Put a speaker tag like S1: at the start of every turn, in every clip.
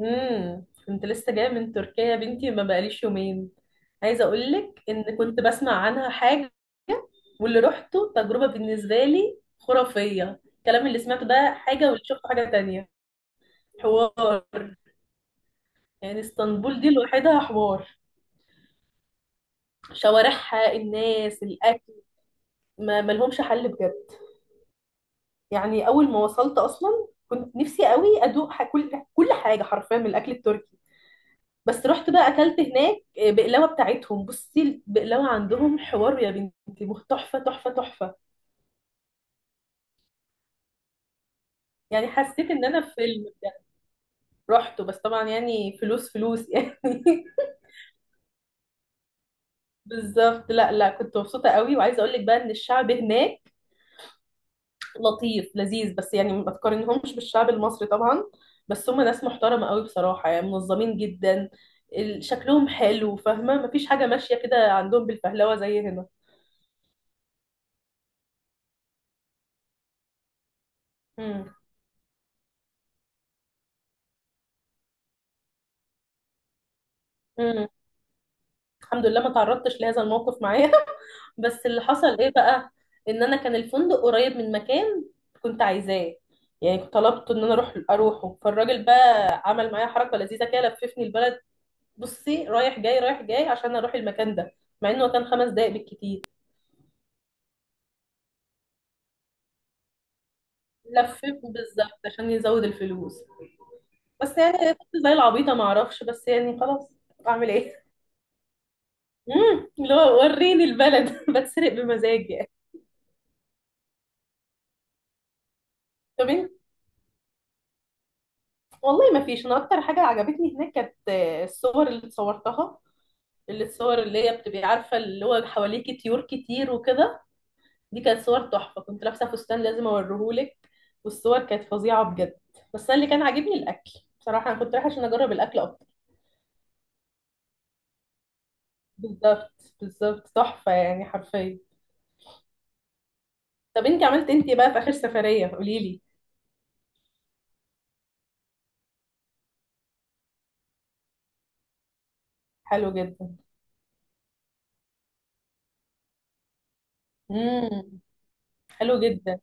S1: كنت لسه جايه من تركيا يا بنتي، ما بقاليش يومين. عايزه اقول لك ان كنت بسمع عنها حاجه، واللي رحته تجربه بالنسبه لي خرافيه. الكلام اللي سمعته ده حاجه واللي شفته حاجه تانية. حوار. يعني اسطنبول دي لوحدها حوار. شوارعها، الناس، الاكل، ما ملهمش حل بجد. يعني اول ما وصلت اصلا كنت نفسي قوي ادوق كل حاجه حرفيا من الاكل التركي. بس رحت بقى اكلت هناك، بقلاوه بتاعتهم. بصي، البقلاوه عندهم حوار يا بنتي، تحفه، تحفه، تحفه. يعني حسيت ان انا في فيلم بجد. رحته بس طبعا يعني فلوس فلوس يعني بالظبط. لا، لا، كنت مبسوطه قوي، وعايزه اقول لك بقى ان الشعب هناك لطيف لذيذ، بس يعني ما تقارنهمش بالشعب المصري طبعا. بس هم ناس محترمه قوي بصراحه، يعني منظمين جدا، شكلهم حلو، فاهمه؟ مفيش حاجه ماشيه كده عندهم بالفهلوه زي هنا. امم. امم. الحمد لله ما تعرضتش لهذا الموقف معايا. بس اللي حصل ايه بقى؟ ان انا كان الفندق قريب من مكان كنت عايزاه، يعني كنت طلبت ان انا اروحه، فالراجل بقى عمل معايا حركه لذيذه كده، لففني البلد. بصي، رايح جاي رايح جاي عشان اروح المكان ده، مع انه كان خمس دقايق بالكتير. لففني بالظبط عشان يزود الفلوس. بس يعني كنت زي العبيطه ما اعرفش، بس يعني خلاص اعمل ايه. اللي هو وريني البلد بتسرق بمزاجي. طب انت. والله ما فيش، انا اكتر حاجه عجبتني هناك كانت، الصور اللي اتصورتها، الصور اللي هي بتبقي عارفة، اللي هو حواليكي طيور كتير وكده. دي كانت صور تحفة، كنت لابسة فستان، لازم اوريهولك. والصور كانت فظيعة بجد. بس أنا اللي كان عاجبني الأكل، بصراحة أنا كنت رايحة عشان أجرب الأكل أكتر. بالظبط، بالظبط، تحفة يعني حرفيا. طب انتي عملت انتي بقى في آخر سفرية قوليلي. حلو جدا. امم. حلو جدا.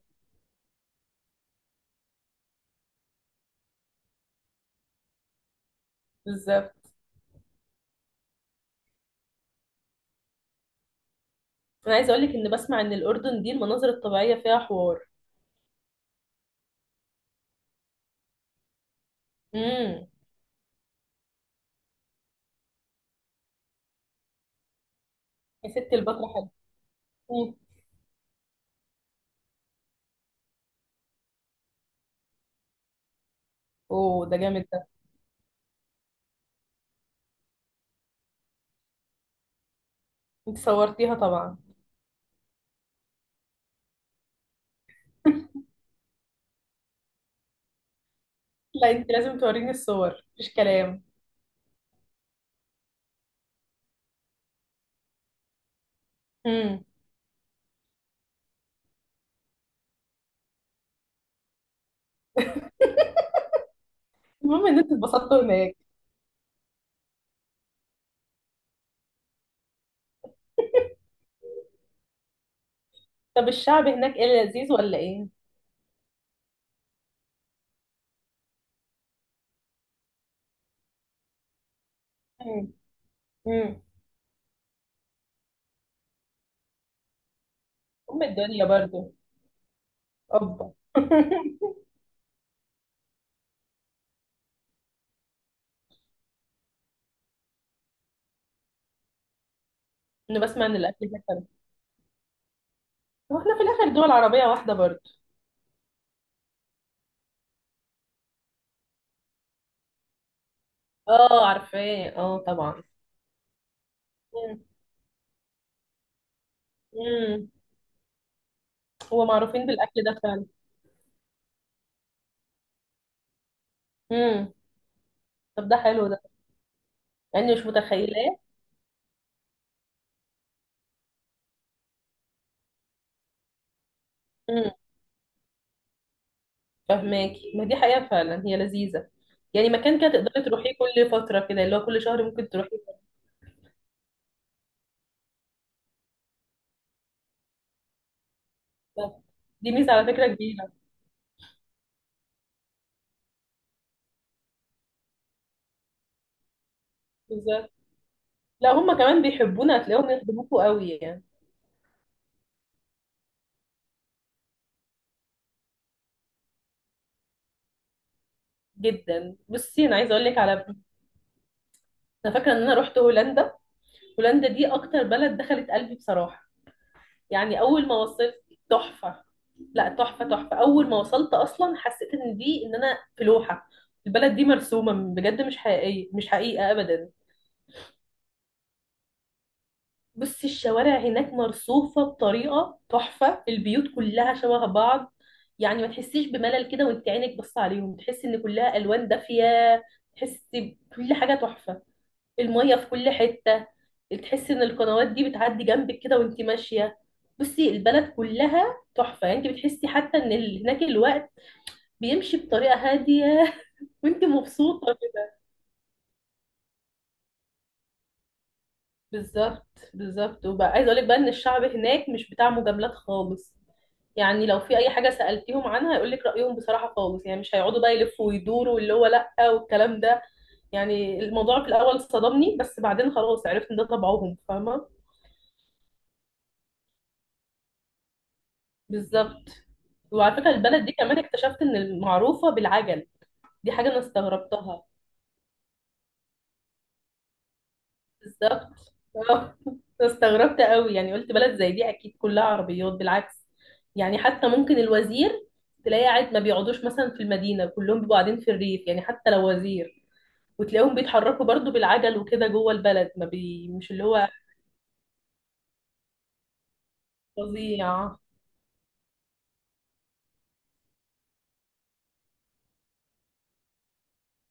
S1: بالظبط. أنا عايزة أقولك إن بسمع إن الأردن دي المناظر الطبيعية فيها حوار. امم. يا ستي البحر حلو. أمم. اوه ده جامد ده. انت صورتيها طبعا؟ لا انت لازم توريني الصور، مفيش كلام. امم. المهم ان انتوا اتبسطتوا هناك. طب الشعب هناك ايه؟ لذيذ ولا ايه؟ امم. امم. ام الدنيا برضو. اوبا انا بسمع ان الاكل هناك حلو. هو احنا في الاخر دول عربيه واحده برضو. اه عارفاه، اه طبعا. امم. امم. هو معروفين بالاكل ده فعلا. امم. طب ده حلو ده. يعني مش متخيلاه. امم. فهماكي، ما دي حقيقه فعلا، هي لذيذه. يعني مكان كده تقدري تروحيه كل فتره كده، اللي هو كل شهر ممكن تروحي. بالظبط. دي ميزة على فكرة كبيرة. بالظبط. لا هم كمان بيحبونا، هتلاقيهم يخدموكوا قوي يعني. جدا. بصي، انا عايزه اقول لك على، انا فاكره ان انا رحت هولندا. هولندا دي اكتر بلد دخلت قلبي بصراحه. يعني اول ما وصلت. تحفه. لا، تحفه تحفه، اول ما وصلت اصلا حسيت ان دي، ان انا في لوحه. البلد دي مرسومه بجد، مش حقيقيه، مش حقيقه ابدا. بصي الشوارع هناك مرصوفة بطريقة تحفة، البيوت كلها شبه بعض، يعني ما تحسيش بملل كده وانت عينك بص عليهم، تحسي ان كلها الوان دافية. تحسي بكل حاجة تحفة، المية في كل حتة، تحسي ان القنوات دي بتعدي جنبك كده وانت ماشية. بصي البلد كلها تحفة، يعني انت بتحسي حتى ان هناك الوقت بيمشي بطريقة هادية. وانت مبسوطة. بالظبط. بالظبط، وبقى عايزه اقول لك بقى ان الشعب هناك مش بتاع مجاملات خالص. يعني لو في اي حاجه سالتيهم عنها هيقول لك رايهم بصراحه خالص، يعني مش هيقعدوا بقى يلفوا ويدوروا واللي هو لا والكلام ده. يعني الموضوع في الاول صدمني، بس بعدين خلاص عرفت ان ده طبعهم، فاهمه. بالظبط. وعلى فكره البلد دي كمان اكتشفت ان معروفه بالعجل، دي حاجه انا استغربتها. بالظبط. اه. استغربت قوي، يعني قلت بلد زي دي اكيد كلها عربيات، بالعكس. يعني حتى ممكن الوزير تلاقي قاعد، ما بيقعدوش مثلا في المدينة، كلهم بيبقوا قاعدين في الريف يعني، حتى لو وزير. وتلاقيهم بيتحركوا برضو بالعجل وكده جوه البلد، ما بي مش اللي هو. فظيع.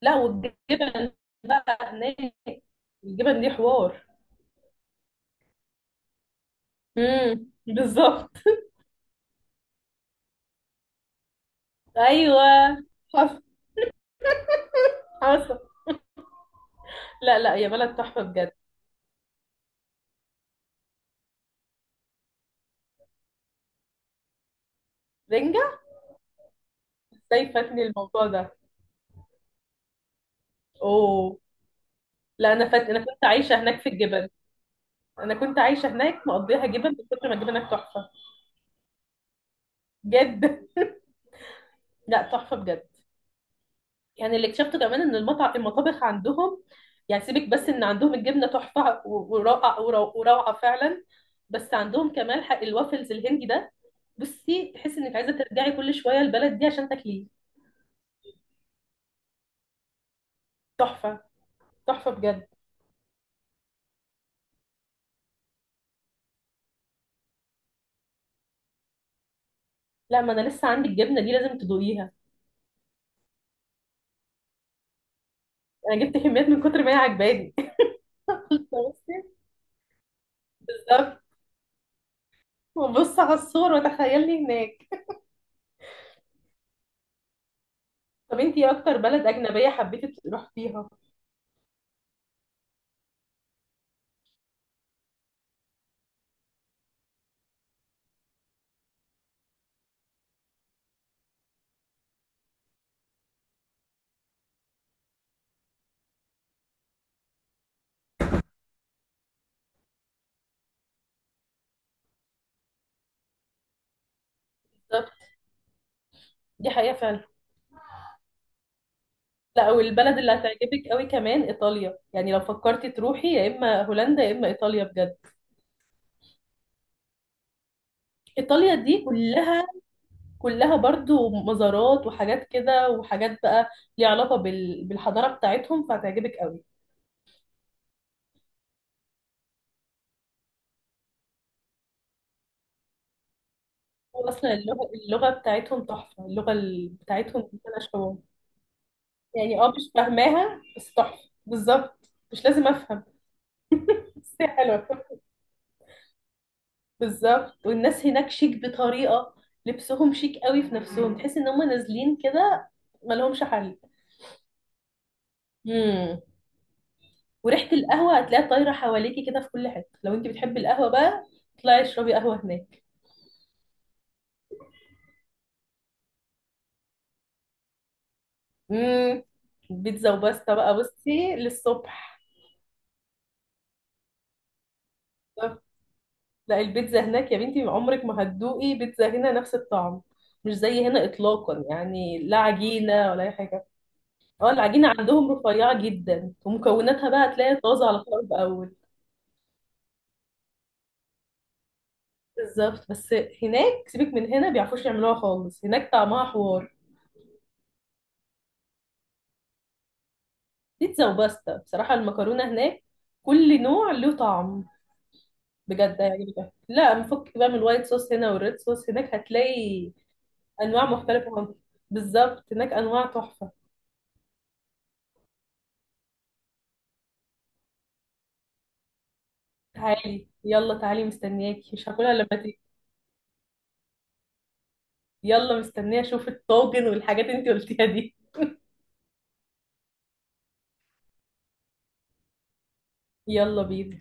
S1: لا والجبن بقى هناك، الجبن دي حوار. امم. بالظبط. ايوه. حصل، حصل. لا، لا، يا بلد تحفة بجد. رنجة؟ ازاي فاتني الموضوع ده؟ اوه. لا، انا كنت عايشه هناك في الجبل. انا كنت عايشه هناك مقضيها جبل من كتر ما الجبل هناك تحفه. بجد. لا تحفه بجد. يعني اللي اكتشفته كمان ان المطابخ عندهم، يعني سيبك بس ان عندهم الجبنه تحفه وروعه فعلا. بس عندهم كمان حق الوافلز الهندي ده. بصي تحسي انك عايزه ترجعي كل شويه البلد دي عشان تاكليه. تحفه. تحفه بجد. لا، ما انا لسه عندي الجبنه دي لازم تدوقيها. انا جبت كميات من كتر ما هي عجباني. بصي. بالظبط. وبص على الصور وتخيلني هناك. طب انتي ايه اكتر بلد اجنبيه حبيتي تروحيها؟ بالظبط. دي حقيقه فعلا. لا والبلد اللي هتعجبك قوي كمان ايطاليا، يعني لو فكرتي تروحي يا اما هولندا يا اما ايطاليا بجد. ايطاليا دي كلها برضو مزارات وحاجات كده وحاجات بقى، ليها علاقه بالحضاره بتاعتهم، فهتعجبك قوي. واصلا اللغه بتاعتهم تحفه، اللغه بتاعتهم ملهاش حوار. يعني اه مش فاهماها بس تحفه، بالظبط مش لازم افهم. بس هي حلوه. بالظبط، والناس هناك شيك بطريقة، لبسهم شيك قوي في نفسهم، تحس ان هم نازلين كده، مالهمش حل. امم. وريحة القهوة هتلاقيها طايرة حواليكي كده في كل حتة، لو انت بتحبي القهوة بقى اطلعي اشربي قهوة هناك. امم. بيتزا وباستا بقى بصي للصبح. بالظبط. لا البيتزا هناك يا بنتي عمرك ما هتدوقي بيتزا هنا نفس الطعم، مش زي هنا اطلاقا يعني، لا عجينة ولا اي حاجة. اه العجينة عندهم رفيعة جدا، ومكوناتها بقى هتلاقي طازة على طول اول. بالظبط بس هناك سيبك من هنا، بيعرفوش يعملوها خالص، هناك طعمها حوار. بيتزا وباستا بصراحة، المكرونة هناك كل نوع له طعم. بجد هيعجبك، لا مفك بقى من الوايت صوص هنا والريد صوص هناك، هتلاقي أنواع مختلفة خالص. بالظبط، هناك أنواع تحفة. تعالي، يلا تعالي، مستنياكي مش هاكلها إلا لما تيجي. يلا، مستنية أشوف الطاجن والحاجات اللي انتي قلتيها دي. يلا بينا.